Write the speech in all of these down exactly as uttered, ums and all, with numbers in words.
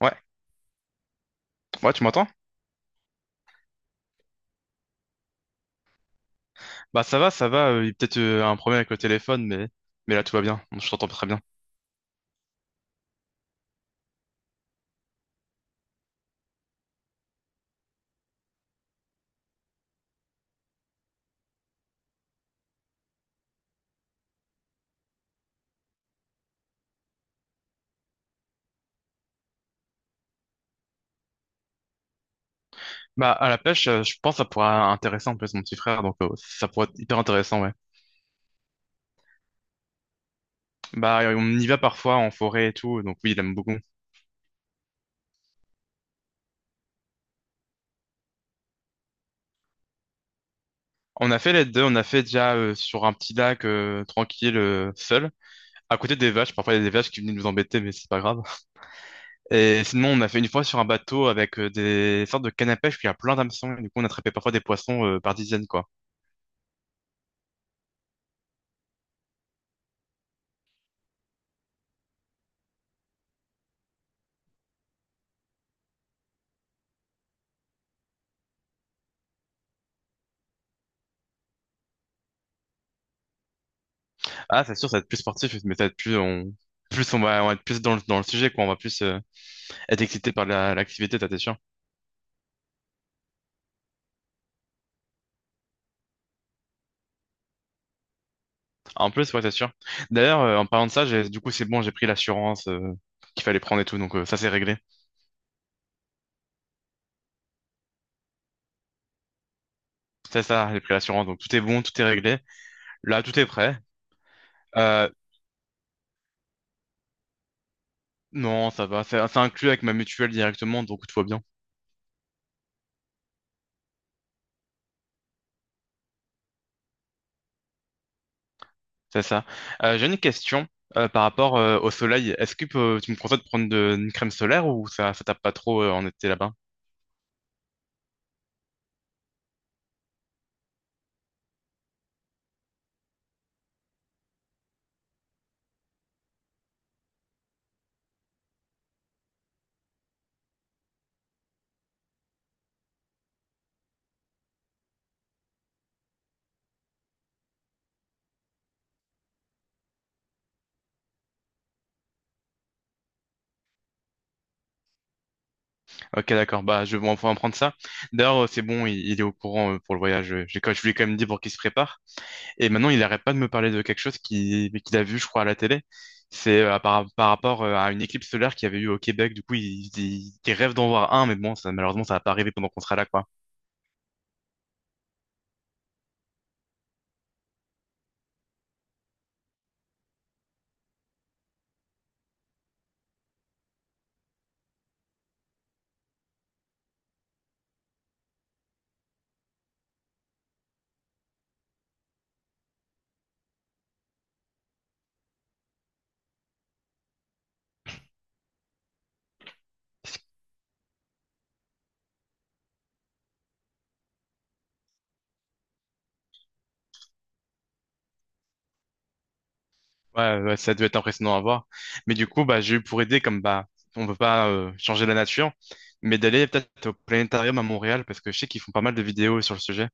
Ouais, ouais, tu m'entends? Bah ça va, ça va, euh, il y a peut-être euh, un problème avec le téléphone, mais, mais là tout va bien. Bon, je t'entends très bien. Bah à la pêche, euh, je pense que ça pourrait être intéressant, en plus mon petit frère, donc euh, ça pourrait être hyper intéressant, ouais. Bah euh, on y va parfois en forêt et tout, donc oui, il aime beaucoup. On a fait les deux, on a fait déjà euh, sur un petit lac euh, tranquille, euh, seul, à côté des vaches, parfois il y a des vaches qui venaient nous embêter, mais c'est pas grave. Et sinon, on a fait une fois sur un bateau avec euh, des sortes de cannes à pêche, puis il y a plein d'hameçons, et du coup, on attrapait parfois des poissons euh, par dizaines, quoi. Ah, c'est sûr, ça va être plus sportif, mais ça va être plus, on, plus on va, on va être plus dans le, dans le sujet, quoi. On va plus euh, être excité par la- l'activité, ça, c'est sûr. En plus, ouais, c'est sûr. D'ailleurs, euh, en parlant de ça, j'ai, du coup, c'est bon, j'ai pris l'assurance euh, qu'il fallait prendre et tout, donc euh, ça, c'est réglé. C'est ça, j'ai pris l'assurance, donc tout est bon, tout est réglé. Là, tout est prêt. Euh, non, ça va, c'est c'est inclus avec ma mutuelle directement, donc tout va bien. C'est ça. Euh, j'ai une question euh, par rapport euh, au soleil. Est-ce que euh, tu me conseilles de prendre de- une crème solaire ou ça, ça tape pas trop euh, en été là-bas? Ok, d'accord. Bah, je vais en prendre ça. D'ailleurs, euh, c'est bon, il, il est au courant euh, pour le voyage. Euh, J'ai, quand- je lui ai quand même dit pour qu'il se prépare. Et maintenant, il arrête pas de me parler de quelque chose qui, qu'il a vu, je crois, à la télé. C'est euh, par, par rapport euh, à une éclipse solaire qu'il y avait eu au Québec. Du coup, il, il, il rêve d'en voir un, mais bon, ça, malheureusement, ça va pas arriver pendant qu'on sera là, quoi. Ouais, ouais, ouais, ça doit être impressionnant à voir. Mais du coup, bah, j'ai eu pour aider, comme bah, on peut pas euh, changer la nature, mais d'aller peut-être au planétarium à Montréal, parce que je sais qu'ils font pas mal de vidéos sur le sujet.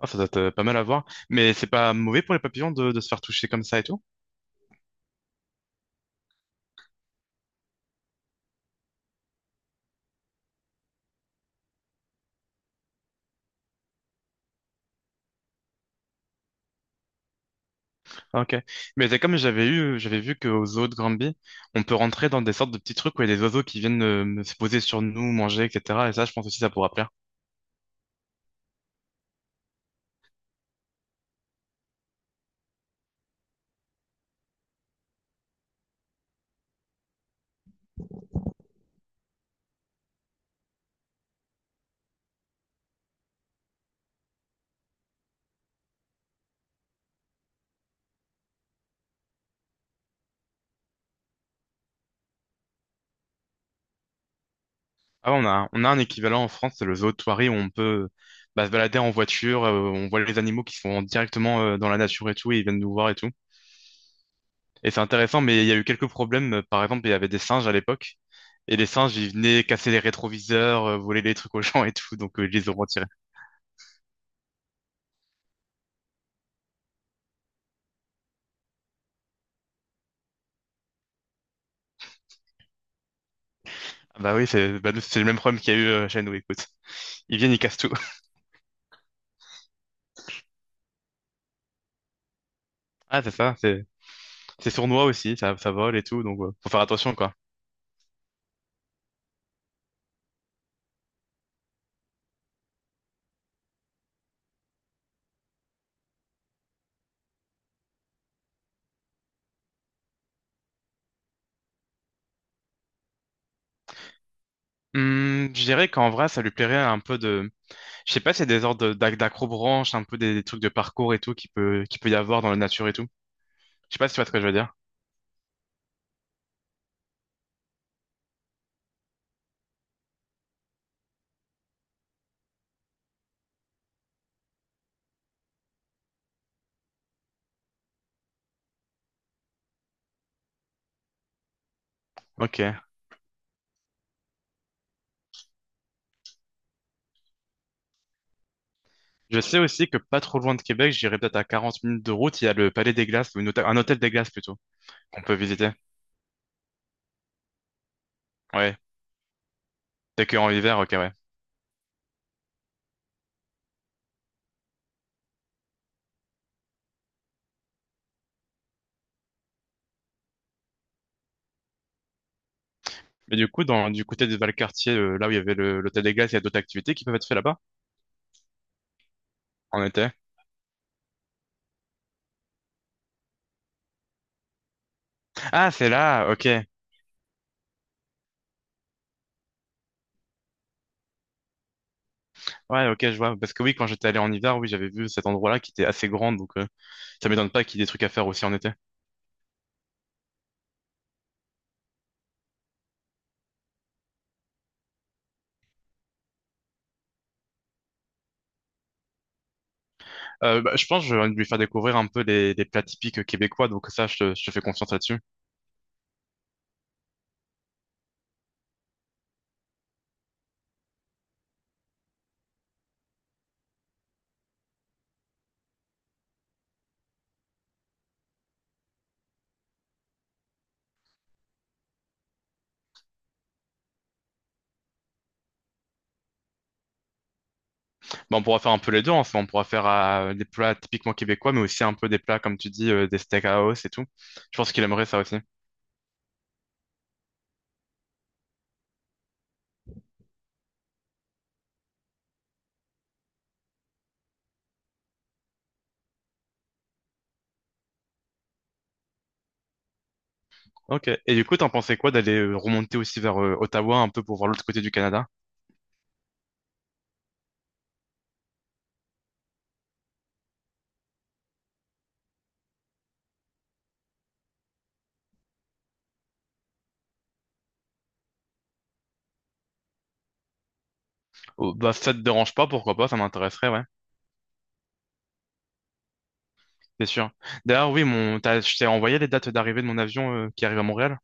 Ah, ça doit être euh, pas mal à voir. Mais c'est pas mauvais pour les papillons de, de se faire toucher comme ça et tout? Ok. Mais c'est comme j'avais eu, j'avais vu qu'au zoos de Granby, on peut rentrer dans des sortes de petits trucs où il y a des oiseaux qui viennent euh, se poser sur nous, manger, et cetera. Et ça, je pense aussi, ça pourra plaire. Ah, ouais, on a, on a un équivalent en France, c'est le zoo de Thoiry, où on peut bah, se balader en voiture, euh, on voit les animaux qui sont directement euh, dans la nature et tout, et ils viennent nous voir et tout. Et c'est intéressant, mais il y a eu quelques problèmes. Par exemple, il y avait des singes à l'époque. Et les singes, ils venaient casser les rétroviseurs, euh, voler les trucs aux gens et tout. Donc, euh, ils les ont retirés. Ah, bah oui, c'est bah, nous, c'est le même problème qu'il y a eu euh, chez nous, écoute. Ils viennent, ils cassent tout. Ah, c'est ça. C'est c'est sournois aussi. Ça, ça vole et tout. Donc, euh, faut faire attention, quoi. Hum, je dirais qu'en vrai, ça lui plairait un peu de... Je sais pas, c'est des ordres d'ac- d'accrobranche, un peu des, des trucs de parcours et tout qui peut, qui peut y avoir dans la nature et tout. Je sais pas si tu vois ce que je veux dire. Ok. Je sais aussi que pas trop loin de Québec, j'irai peut-être à quarante minutes de route, il y a le Palais des Glaces, ou une hôte- un hôtel des Glaces plutôt, qu'on peut visiter. Ouais. T'es que en hiver, ok, ouais. Mais du coup, dans, du côté de Valcartier, euh, là où il y avait le- l'hôtel des Glaces, il y a d'autres activités qui peuvent être faites là-bas, en été. Ah, c'est là, ok. Ouais, ok, je vois. Parce que oui, quand j'étais allé en hiver, oui, j'avais vu cet endroit-là qui était assez grand, donc. euh, ça m'étonne pas qu'il y ait des trucs à faire aussi en été. Euh, bah, je pense que je vais lui faire découvrir un peu les, les plats typiques québécois, donc ça, je te, je te fais confiance là-dessus. Bah, on pourra faire un peu les deux, en fait. On pourra faire euh, des plats typiquement québécois, mais aussi un peu des plats, comme tu dis, euh, des steakhouse et tout. Je pense qu'il aimerait ça aussi. Ok. Et du coup, t'en pensais quoi d'aller euh, remonter aussi vers euh, Ottawa, un peu pour voir l'autre côté du Canada? Oh, bah, ça te dérange pas, pourquoi pas, ça m'intéresserait, ouais. C'est sûr. D'ailleurs, oui, mon, t'as- je t'ai envoyé les dates d'arrivée de mon avion euh, qui arrive à Montréal.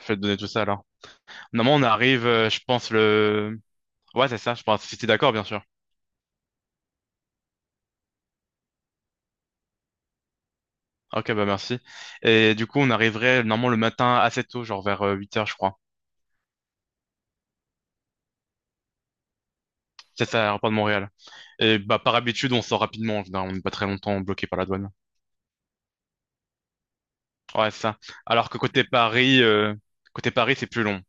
Je vais te donner tout ça alors. Normalement, on arrive, euh, je pense, le Ouais, c'est ça, je pense. Si t'es d'accord, bien sûr. Ok, bah merci. Et du coup, on arriverait normalement le matin assez tôt, genre vers euh, huit heures je crois. C'est ça, à l'aéroport de Montréal. Et bah, par habitude, on sort rapidement. en général, On n'est pas très longtemps bloqué par la douane. Ouais, c'est ça. Alors que côté Paris, euh, côté Paris, c'est plus long.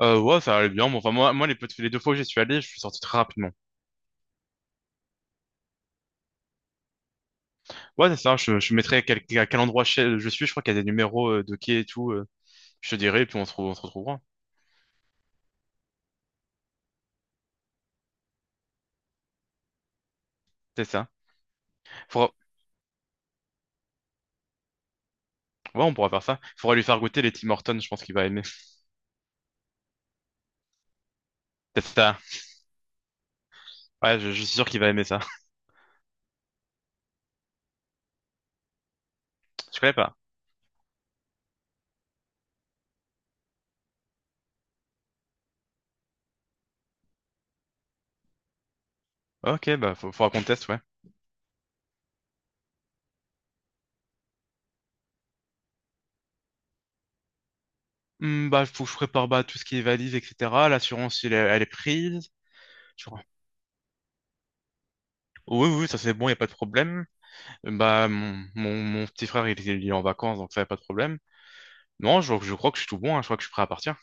Euh, ouais, ça allait bien. Bon, enfin, moi, moi les, peu- les deux fois où j'y suis allé, je suis sorti très rapidement. Ouais, c'est ça. Je, je mettrai quel, à quel endroit je, je suis. Je crois qu'il y a des numéros euh, de quai et tout. euh, je te dirai, et puis on se, re- on se retrouvera. C'est ça. Faudra- Ouais, on pourra faire ça. Faudra lui faire goûter les Tim Hortons, je pense qu'il va aimer. C'est ça. Ouais, je, je suis sûr qu'il va aimer ça. Je connais pas. Ok, bah, faut, faudra qu'on teste, ouais. Hmm, bah, faut que je prépare, bah, tout ce qui est valise, et cetera. L'assurance, il est- elle est prise. Je crois. Oui, oui, ça c'est bon, il n'y a pas de problème. Bah, mon, mon, mon petit frère, il, il est en vacances, donc ça y a pas de problème. Non, je, je crois que je suis tout bon, hein, je crois que je suis prêt à partir.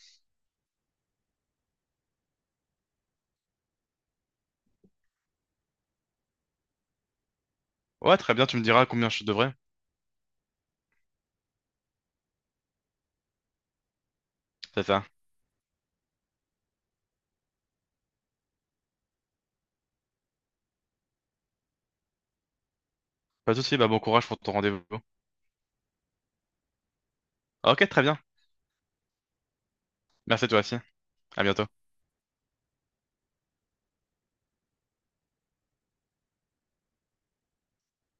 Ouais, très bien, tu me diras combien je devrais. C'est ça. Pas de souci, bah, bon courage pour ton rendez-vous. Ok, très bien. Merci toi aussi. À bientôt.